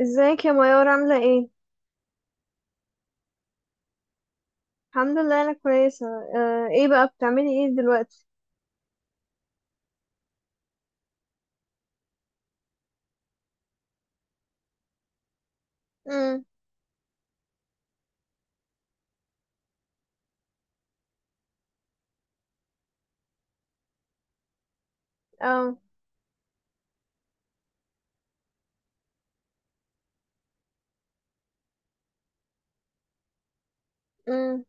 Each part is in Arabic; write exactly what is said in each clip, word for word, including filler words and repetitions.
ازيك يا ميار، عاملة ايه؟ الحمد لله، انا كويسة. آه ايه بقى بتعملي ايه دلوقتي؟ امم. اه. امم.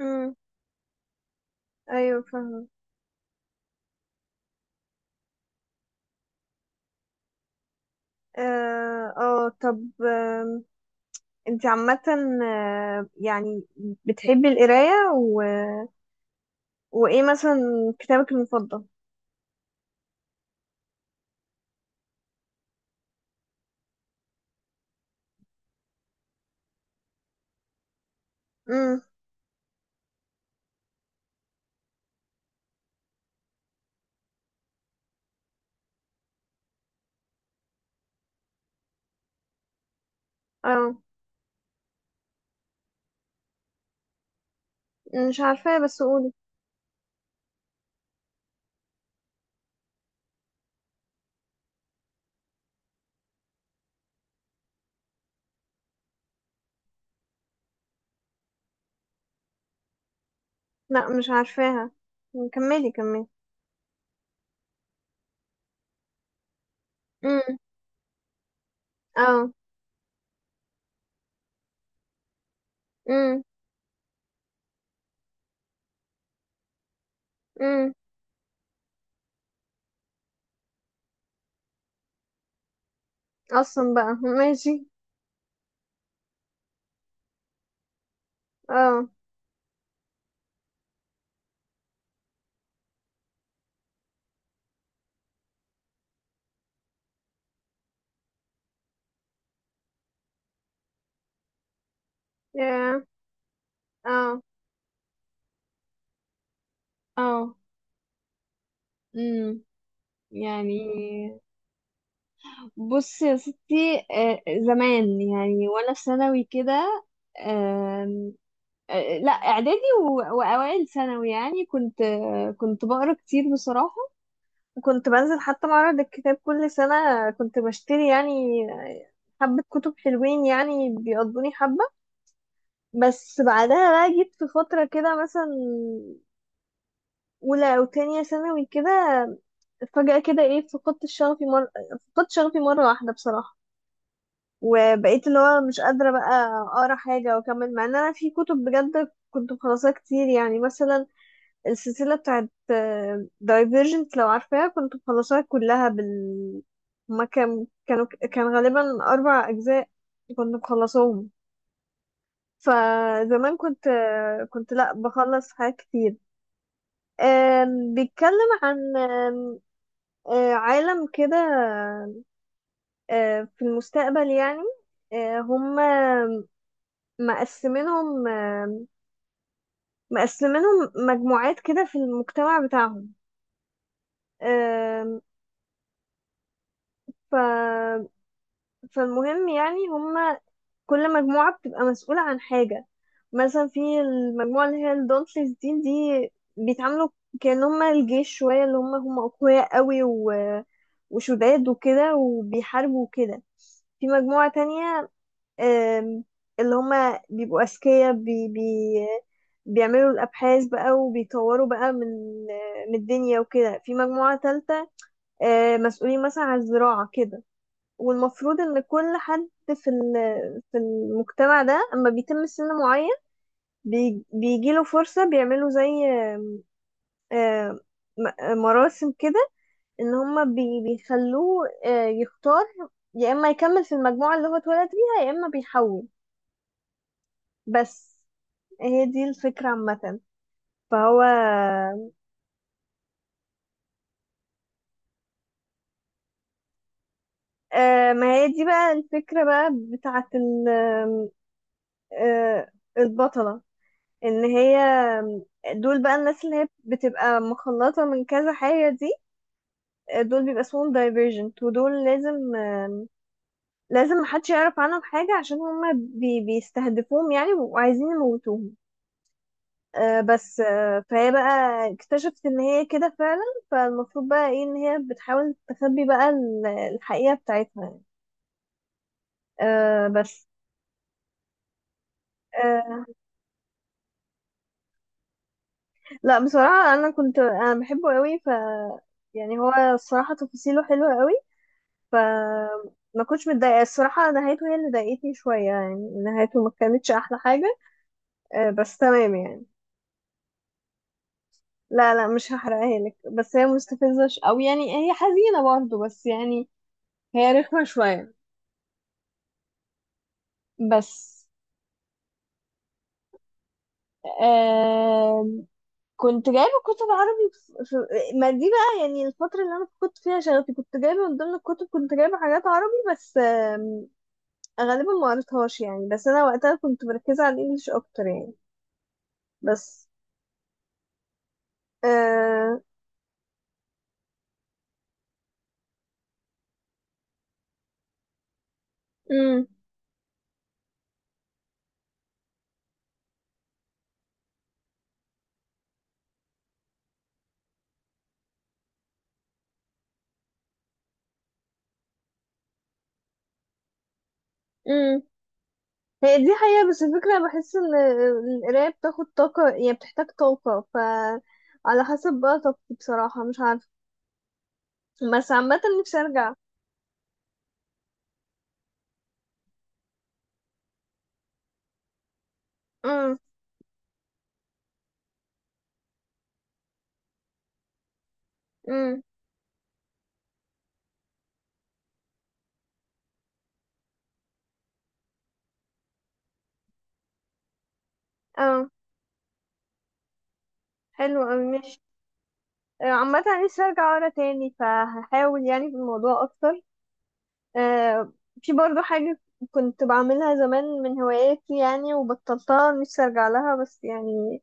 امم. ايوه، فاهمة. اه، اه، طب، آم، انت عامة. آه، يعني، بتحبي القراية و... وايه مثلا كتابك المفضل؟ امم. اه، مش عارفاها بس قولي. لا، مش عارفاها. كملي كملي. امم. اه. امم. امم. اصلا بقى ماشي. اه. يا. اه. اه. امم. يعني بص يا ستي، آه، زمان يعني وانا في ثانوي كده. آم، آه، لا، اعدادي و- واوائل ثانوي، يعني كنت، آه، كنت بقرا كتير بصراحه. وكنت بنزل حتى معرض الكتاب كل سنه، كنت بشتري يعني آه، حبه كتب حلوين، يعني بيقضوني حبه. بس بعدها بقى جيت في فتره كده، مثلا اولى او تانية ثانوي كده، فجاه كده ايه، فقدت شغفي مره فقدت شغفي مره واحده بصراحه. وبقيت اللي هو مش قادرة بقى أقرأ حاجة وأكمل، مع إن أنا في كتب بجد كنت مخلصاها كتير. يعني مثلا السلسلة بتاعت دايفيرجنت، لو عارفاها، كنت مخلصاها كلها. بال هما كان كانوا كان غالبا أربع أجزاء، كنت مخلصاهم. فزمان كنت، آه، كنت لأ بخلص حاجات كتير. آم، بيتكلم عن آم، آه، عالم كده، آه، في المستقبل يعني. آه، هما، مقسمينهم آم، مقسمينهم مجموعات كده في المجتمع بتاعهم. آم، ف... فالمهم يعني هما كل مجموعة بتبقى مسؤولة عن حاجة. مثلا في المجموعة اللي هي الدونتلز دي دي، بيتعاملوا كأن هما الجيش شوية، اللي هما هما أقوياء قوي و... وشداد وكده، وبيحاربوا وكده. في مجموعة تانية، آم، اللي هما بيبقوا أذكياء، بي بي بيعملوا الأبحاث بقى وبيطوروا بقى من من الدنيا وكده. في مجموعة تالتة آه، مسؤولين مثلا عن الزراعة كده. والمفروض إن كل حد في ال- في المجتمع ده، أما بيتم سن معين، بي- بيجيله فرصة، بيعملوا زي آه، م- مراسم كده، إن هما بي- بيخلوه آه، يختار يا إما يكمل في المجموعة اللي هو اتولد بيها، يا إما بيحول. بس هي دي الفكرة عامة. فهو، آه ما هي دي بقى الفكرة بقى بتاعة ال- آه البطلة، ان هي، دول بقى الناس اللي هي بتبقى مخلطة من كذا حاجة دي، آه، دول بيبقى اسمهم دايفرجنت، ودول لازم آه لازم محدش يعرف عنهم حاجة، عشان هما بي بيستهدفوهم يعني وعايزين يموتوهم. آه بس آه فهي بقى اكتشفت ان هي كده فعلا. فالمفروض بقى ايه، ان هي بتحاول تخبي بقى ال- الحقيقة بتاعتها يعني. آه بس آه لا، بصراحة أنا كنت أنا بحبه قوي، ف يعني هو الصراحة تفاصيله حلوة قوي، ف ما كنتش متضايقة الصراحة. نهايته هي اللي ضايقتني شوية، يعني نهايته ما كانتش أحلى حاجة. آه بس تمام يعني. لا، لا، مش هحرقها لك، بس هي مستفزة، ش... أو يعني هي حزينة برضه، بس يعني هي رخمة شوية. بس آه كنت جايبة كتب عربي، في... في... ما دي بقى يعني الفترة اللي أنا كنت فيها شغفي، كنت جايبة من ضمن الكتب، كنت جايبة حاجات عربي، بس آم، غالبا ما قريتهاش يعني، بس أنا وقتها كنت مركزة على الإنجليش أكتر يعني. بس آه... مم. مم. هي دي حقيقة، بس الفكرة بحس إن القراية بتاخد طاقة، يعني بتحتاج طاقة، ف على حسب بقى طاقتي، بصراحة مش عارفة، بس عامة نفسي أرجع. مم. مم. اه، حلو أوي ماشي. آه، عامة نفسي ارجع ورا تاني، فهحاول يعني في الموضوع اكتر. آه، في برضو حاجة كنت بعملها زمان من هواياتي يعني، وبطلتها، نفسي ارجع لها، بس يعني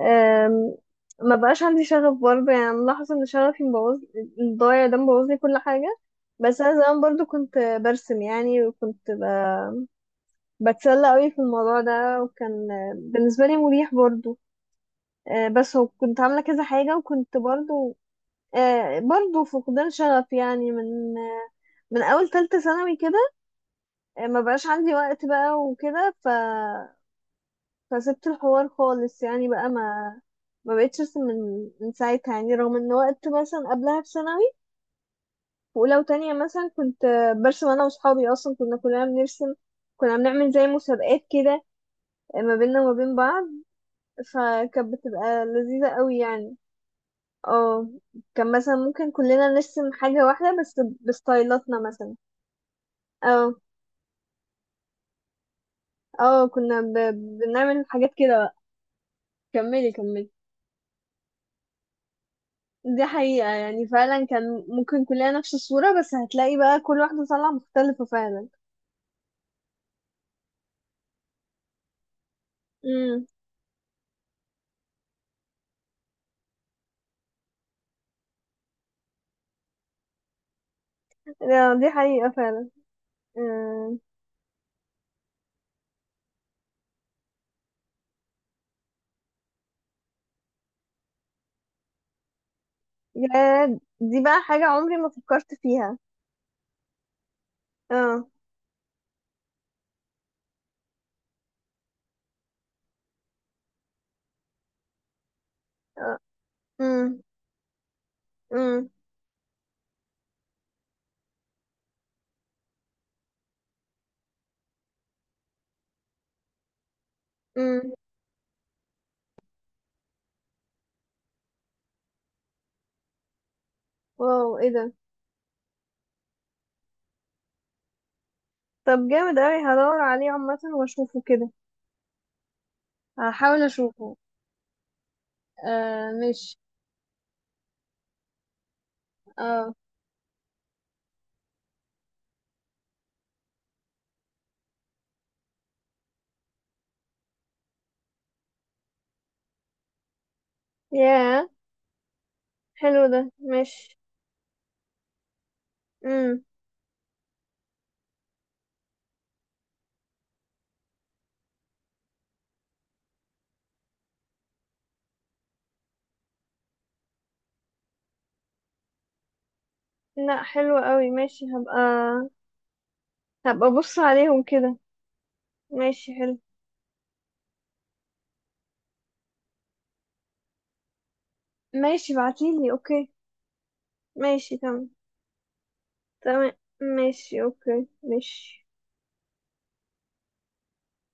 آم، ما بقاش عندي شغف برضه. يعني ملاحظة ان شغفي مبوظ، الضايع ده مبوظ لي كل حاجة. بس انا زمان برضو كنت برسم يعني، وكنت ب... بتسلى قوي في الموضوع ده، وكان بالنسبة لي مريح برضو. آه، بس هو كنت عاملة كذا حاجة، وكنت برضو، آه، برضو فقدان شغف يعني، من آه، من اول تالتة ثانوي كده. آه، ما بقاش عندي وقت بقى وكده، ف فسبت الحوار خالص يعني، بقى ما ما بقتش ارسم من من ساعتها يعني، رغم ان وقت مثلا قبلها في ثانوي، في اولى وتانية مثلا، كنت آه، برسم انا واصحابي، اصلا كنا كلنا بنرسم، كنا بنعمل زي مسابقات كده آه، ما بيننا وما بين بعض. فكانت بتبقى لذيذة قوي يعني. اه. كان مثلا ممكن كلنا نرسم حاجة واحدة بس بستايلاتنا مثلا. اه، اه، كنا ب... بنعمل حاجات كده بقى. كملي كملي. دي حقيقة يعني، فعلا كان ممكن كلنا نفس الصورة، بس هتلاقي بقى كل واحدة طالعة مختلفة فعلا. امم. لا، دي حقيقة فعلا. امم. يا، دي بقى حاجة عمري ما فكرت فيها. اه، اه، امم، امم، امم. واو، ايه ده؟ طب جامد اوي، هدور عليه عامة واشوفه كده، هحاول اشوفه. آه مش. اه. ياه، حلو ده مش. امم. لا، حلو قوي، ماشي هبقى هبقى بص عليهم كده. ماشي، حلو. ماشي، بعتيلي اوكي. ماشي، تمام. تمام. ماشي، اوكي، ماشي.